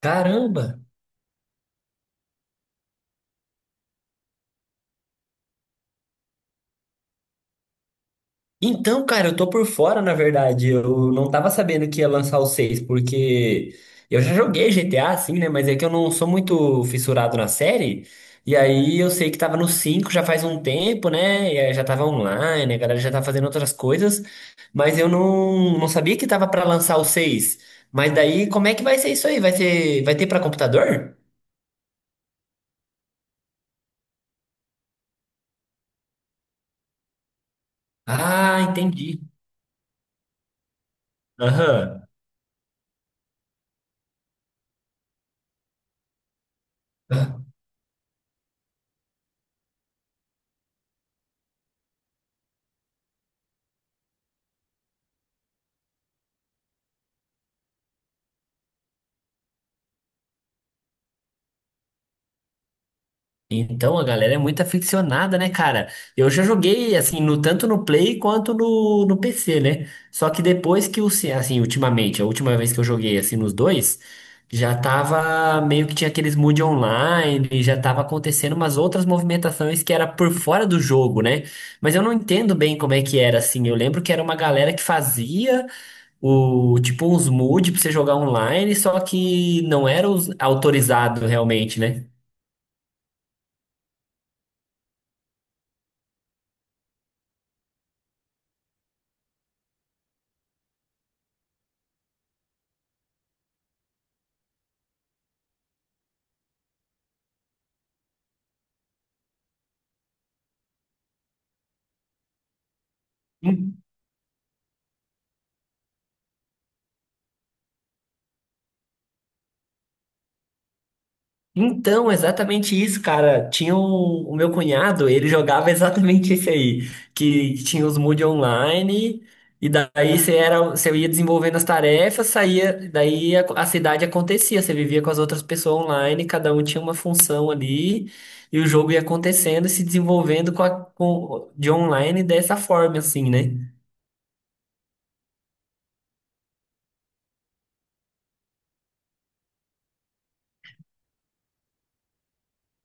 Caramba! Então, cara, eu tô por fora, na verdade. Eu não tava sabendo que ia lançar o seis, porque eu já joguei GTA, assim, né? Mas é que eu não sou muito fissurado na série. E aí eu sei que tava no 5 já faz um tempo, né? E aí já tava online, a galera já tá fazendo outras coisas. Mas eu não sabia que tava pra lançar o seis. Mas daí, como é que vai ser isso aí? Vai ser, vai ter pra computador? Ah, entendi. Aham. Então, a galera é muito aficionada, né, cara? Eu já joguei, assim, tanto no Play quanto no PC, né? Só que depois que assim, ultimamente, a última vez que eu joguei, assim, nos dois, já tava meio que tinha aqueles mood online, e já tava acontecendo umas outras movimentações que era por fora do jogo, né? Mas eu não entendo bem como é que era, assim. Eu lembro que era uma galera que fazia tipo, uns mood pra você jogar online, só que não era os autorizado realmente, né? Então, exatamente isso, cara. O meu cunhado, ele jogava exatamente esse aí, que tinha os mood online, e daí você era, você ia desenvolvendo as tarefas, saía, daí a cidade acontecia, você vivia com as outras pessoas online, cada um tinha uma função ali, e o jogo ia acontecendo e se desenvolvendo de online dessa forma, assim, né?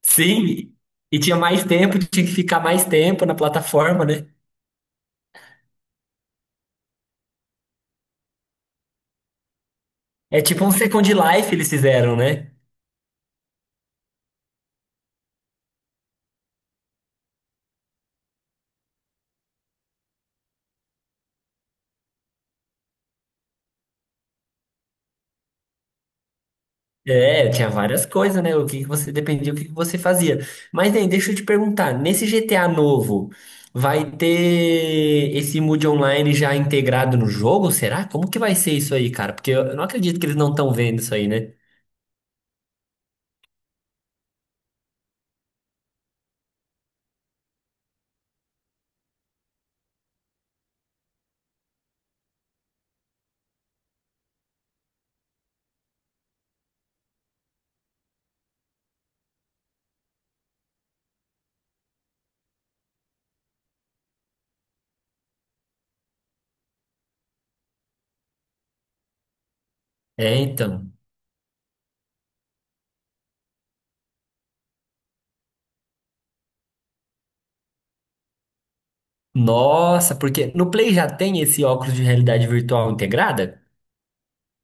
Sim, e tinha mais tempo, tinha que ficar mais tempo na plataforma, né? É tipo um Second Life eles fizeram, né? É, tinha várias coisas, né? O que que você dependia, o que que você fazia. Mas, nem, deixa eu te perguntar, nesse GTA novo, vai ter esse mood online já integrado no jogo? Será? Como que vai ser isso aí, cara? Porque eu não acredito que eles não estão vendo isso aí, né? É, então. Nossa, porque no Play já tem esse óculos de realidade virtual integrada?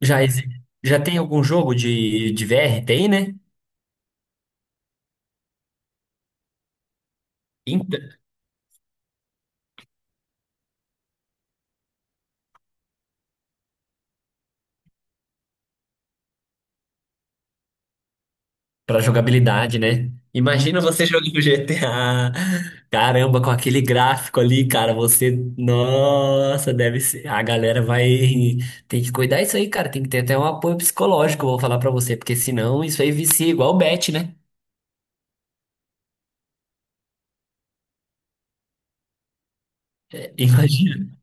Já, já tem algum jogo de VR? Tem, né? Então, pra jogabilidade, né? Imagina você jogando GTA. Caramba, com aquele gráfico ali, cara, você. Nossa, deve ser. A galera vai. Tem que cuidar isso aí, cara. Tem que ter até um apoio psicológico, vou falar pra você, porque senão isso aí vicia igual bet, né? É, imagina.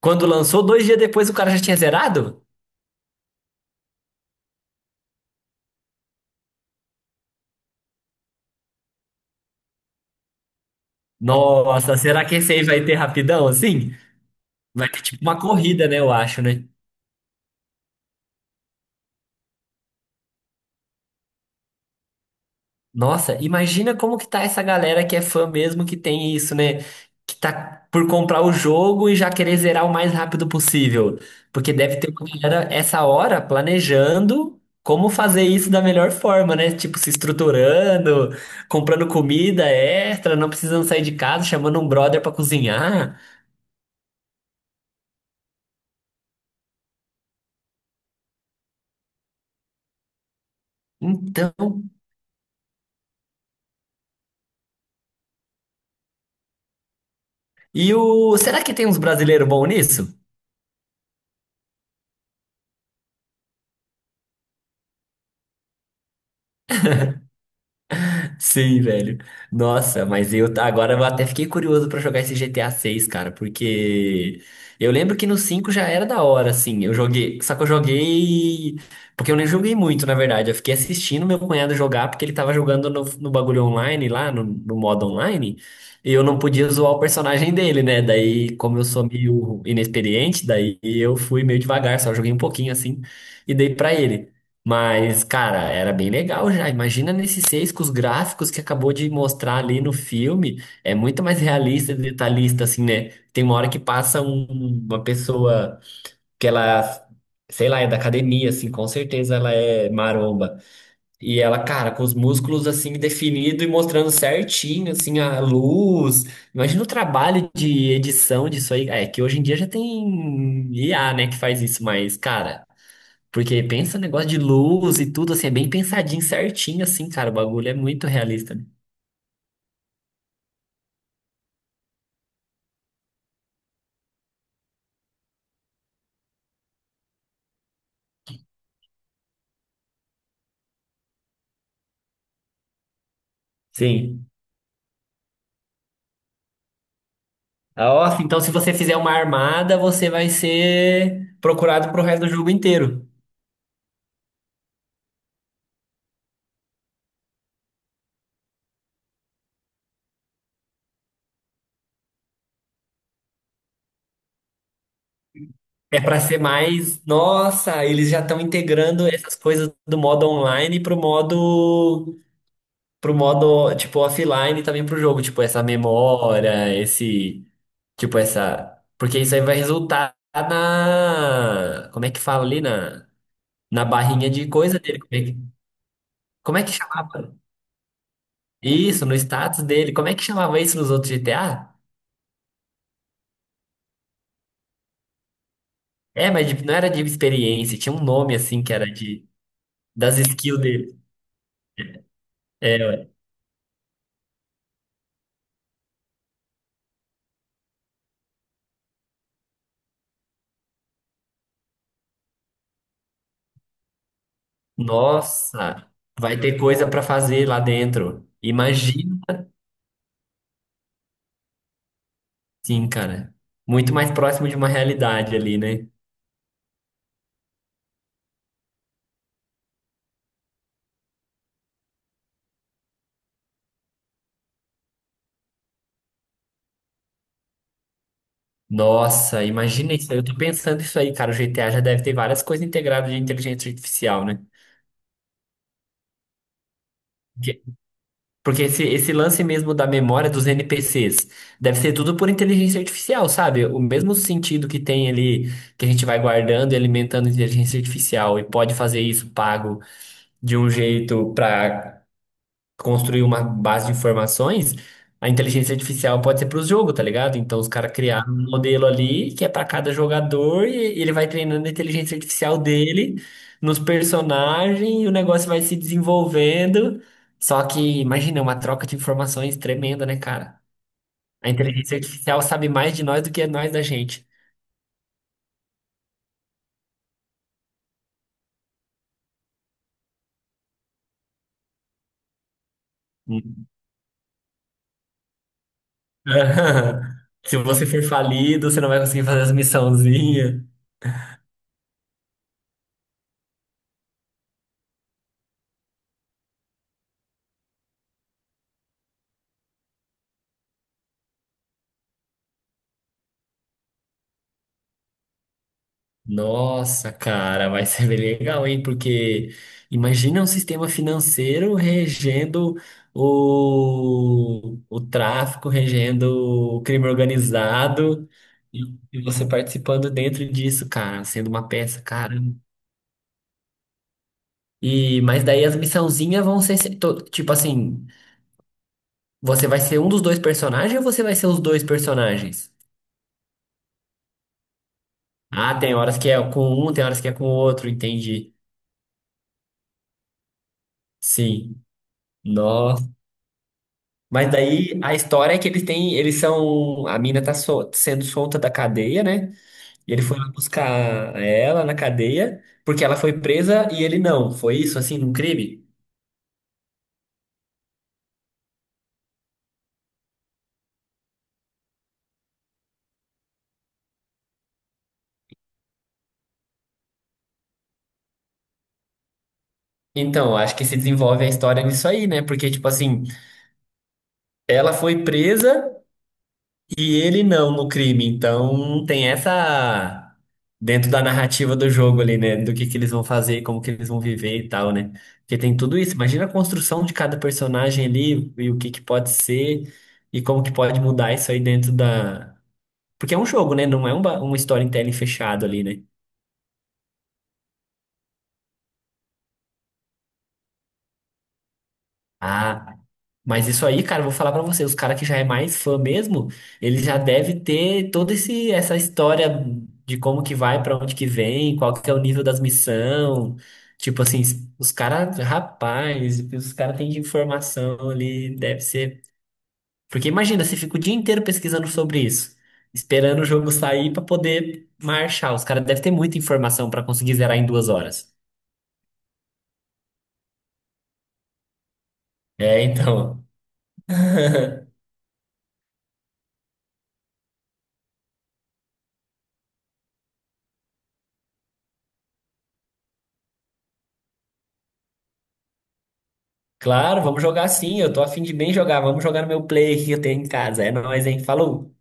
Quando lançou, dois dias depois o cara já tinha zerado? Nossa, será que esse aí vai ter rapidão assim? Vai ter tipo uma corrida, né? Eu acho, né? Nossa, imagina como que tá essa galera que é fã mesmo que tem isso, né? Que tá por comprar o jogo e já querer zerar o mais rápido possível. Porque deve ter uma galera essa hora planejando como fazer isso da melhor forma, né? Tipo, se estruturando, comprando comida extra, não precisando sair de casa, chamando um brother pra cozinhar. Então, e o será que tem uns brasileiros bons nisso? Sim, velho. Nossa, mas agora eu até fiquei curioso pra jogar esse GTA 6, cara, porque eu lembro que no 5 já era da hora, assim. Eu joguei, só que eu joguei porque eu nem joguei muito, na verdade. Eu fiquei assistindo meu cunhado jogar porque ele tava jogando no bagulho online lá, no modo online, e eu não podia zoar o personagem dele, né? Daí, como eu sou meio inexperiente, daí eu fui meio devagar, só joguei um pouquinho assim e dei pra ele. Mas, cara, era bem legal já. Imagina nesses seis com os gráficos que acabou de mostrar ali no filme. É muito mais realista e detalhista, assim, né? Tem uma hora que passa uma pessoa que ela, sei lá, é da academia, assim, com certeza ela é maromba. E ela, cara, com os músculos, assim, definido e mostrando certinho, assim, a luz. Imagina o trabalho de edição disso aí. É que hoje em dia já tem IA, né, que faz isso, mas, cara. Porque pensa negócio de luz e tudo, assim, é bem pensadinho, certinho, assim, cara. O bagulho é muito realista, né? Sim. Ah, ó, então, se você fizer uma armada, você vai ser procurado pro resto do jogo inteiro. É pra ser mais. Nossa, eles já estão integrando essas coisas do modo online pro modo. Pro modo, tipo, offline também pro jogo. Tipo, essa memória, esse. Tipo, essa. Porque isso aí vai resultar na. Como é que fala ali? Na barrinha de coisa dele. Como é que chamava? Isso, no status dele. Como é que chamava isso nos outros GTA? É, mas não era de experiência, tinha um nome assim que era de das skills dele. É, ué. Nossa, vai ter coisa pra fazer lá dentro. Imagina, sim, cara. Muito mais próximo de uma realidade ali, né? Nossa, imagina isso aí. Eu tô pensando isso aí, cara. O GTA já deve ter várias coisas integradas de inteligência artificial, né? Porque esse lance mesmo da memória dos NPCs deve ser tudo por inteligência artificial, sabe? O mesmo sentido que tem ali, que a gente vai guardando e alimentando inteligência artificial e pode fazer isso pago de um jeito para construir uma base de informações, a inteligência artificial pode ser para os jogos, tá ligado? Então os caras criaram um modelo ali que é para cada jogador e ele vai treinando a inteligência artificial dele nos personagens e o negócio vai se desenvolvendo. Só que, imagina, é uma troca de informações tremenda, né, cara? A inteligência artificial sabe mais de nós do que nós da gente. Se você for falido, você não vai conseguir fazer as missãozinhas. Nossa, cara, vai ser bem legal, hein? Porque imagina um sistema financeiro regendo o tráfico, regendo o crime organizado, e, e você participando dentro disso, cara, sendo uma peça, cara. E, mas daí as missãozinhas vão ser, tipo assim, você vai ser um dos dois personagens ou você vai ser os dois personagens? Ah, tem horas que é com um, tem horas que é com o outro, entendi. Sim. Mas daí a história é que eles têm, eles são, a mina tá sendo solta da cadeia, né? E ele foi lá buscar ela na cadeia, porque ela foi presa e ele não. Foi isso, assim, num crime? Então, acho que se desenvolve a história nisso aí, né? Porque, tipo assim, ela foi presa. E ele não no crime, então tem essa dentro da narrativa do jogo ali, né? Do que eles vão fazer, como que eles vão viver e tal, né? Porque tem tudo isso. Imagina a construção de cada personagem ali e o que que pode ser e como que pode mudar isso aí dentro da. Porque é um jogo, né? Não é um storytelling fechado ali, né? Ah, mas isso aí, cara, eu vou falar pra você, os caras que já é mais fã mesmo, ele já deve ter toda esse essa história de como que vai, pra onde que vem, qual que é o nível das missão. Tipo assim, os caras, rapaz, o que os caras têm de informação ali, deve ser. Porque imagina, você fica o dia inteiro pesquisando sobre isso, esperando o jogo sair pra poder marchar. Os caras devem ter muita informação pra conseguir zerar em 2 horas. É, então. Claro, vamos jogar sim. Eu tô a fim de bem jogar. Vamos jogar no meu play que eu tenho em casa. É nóis, hein? Falou!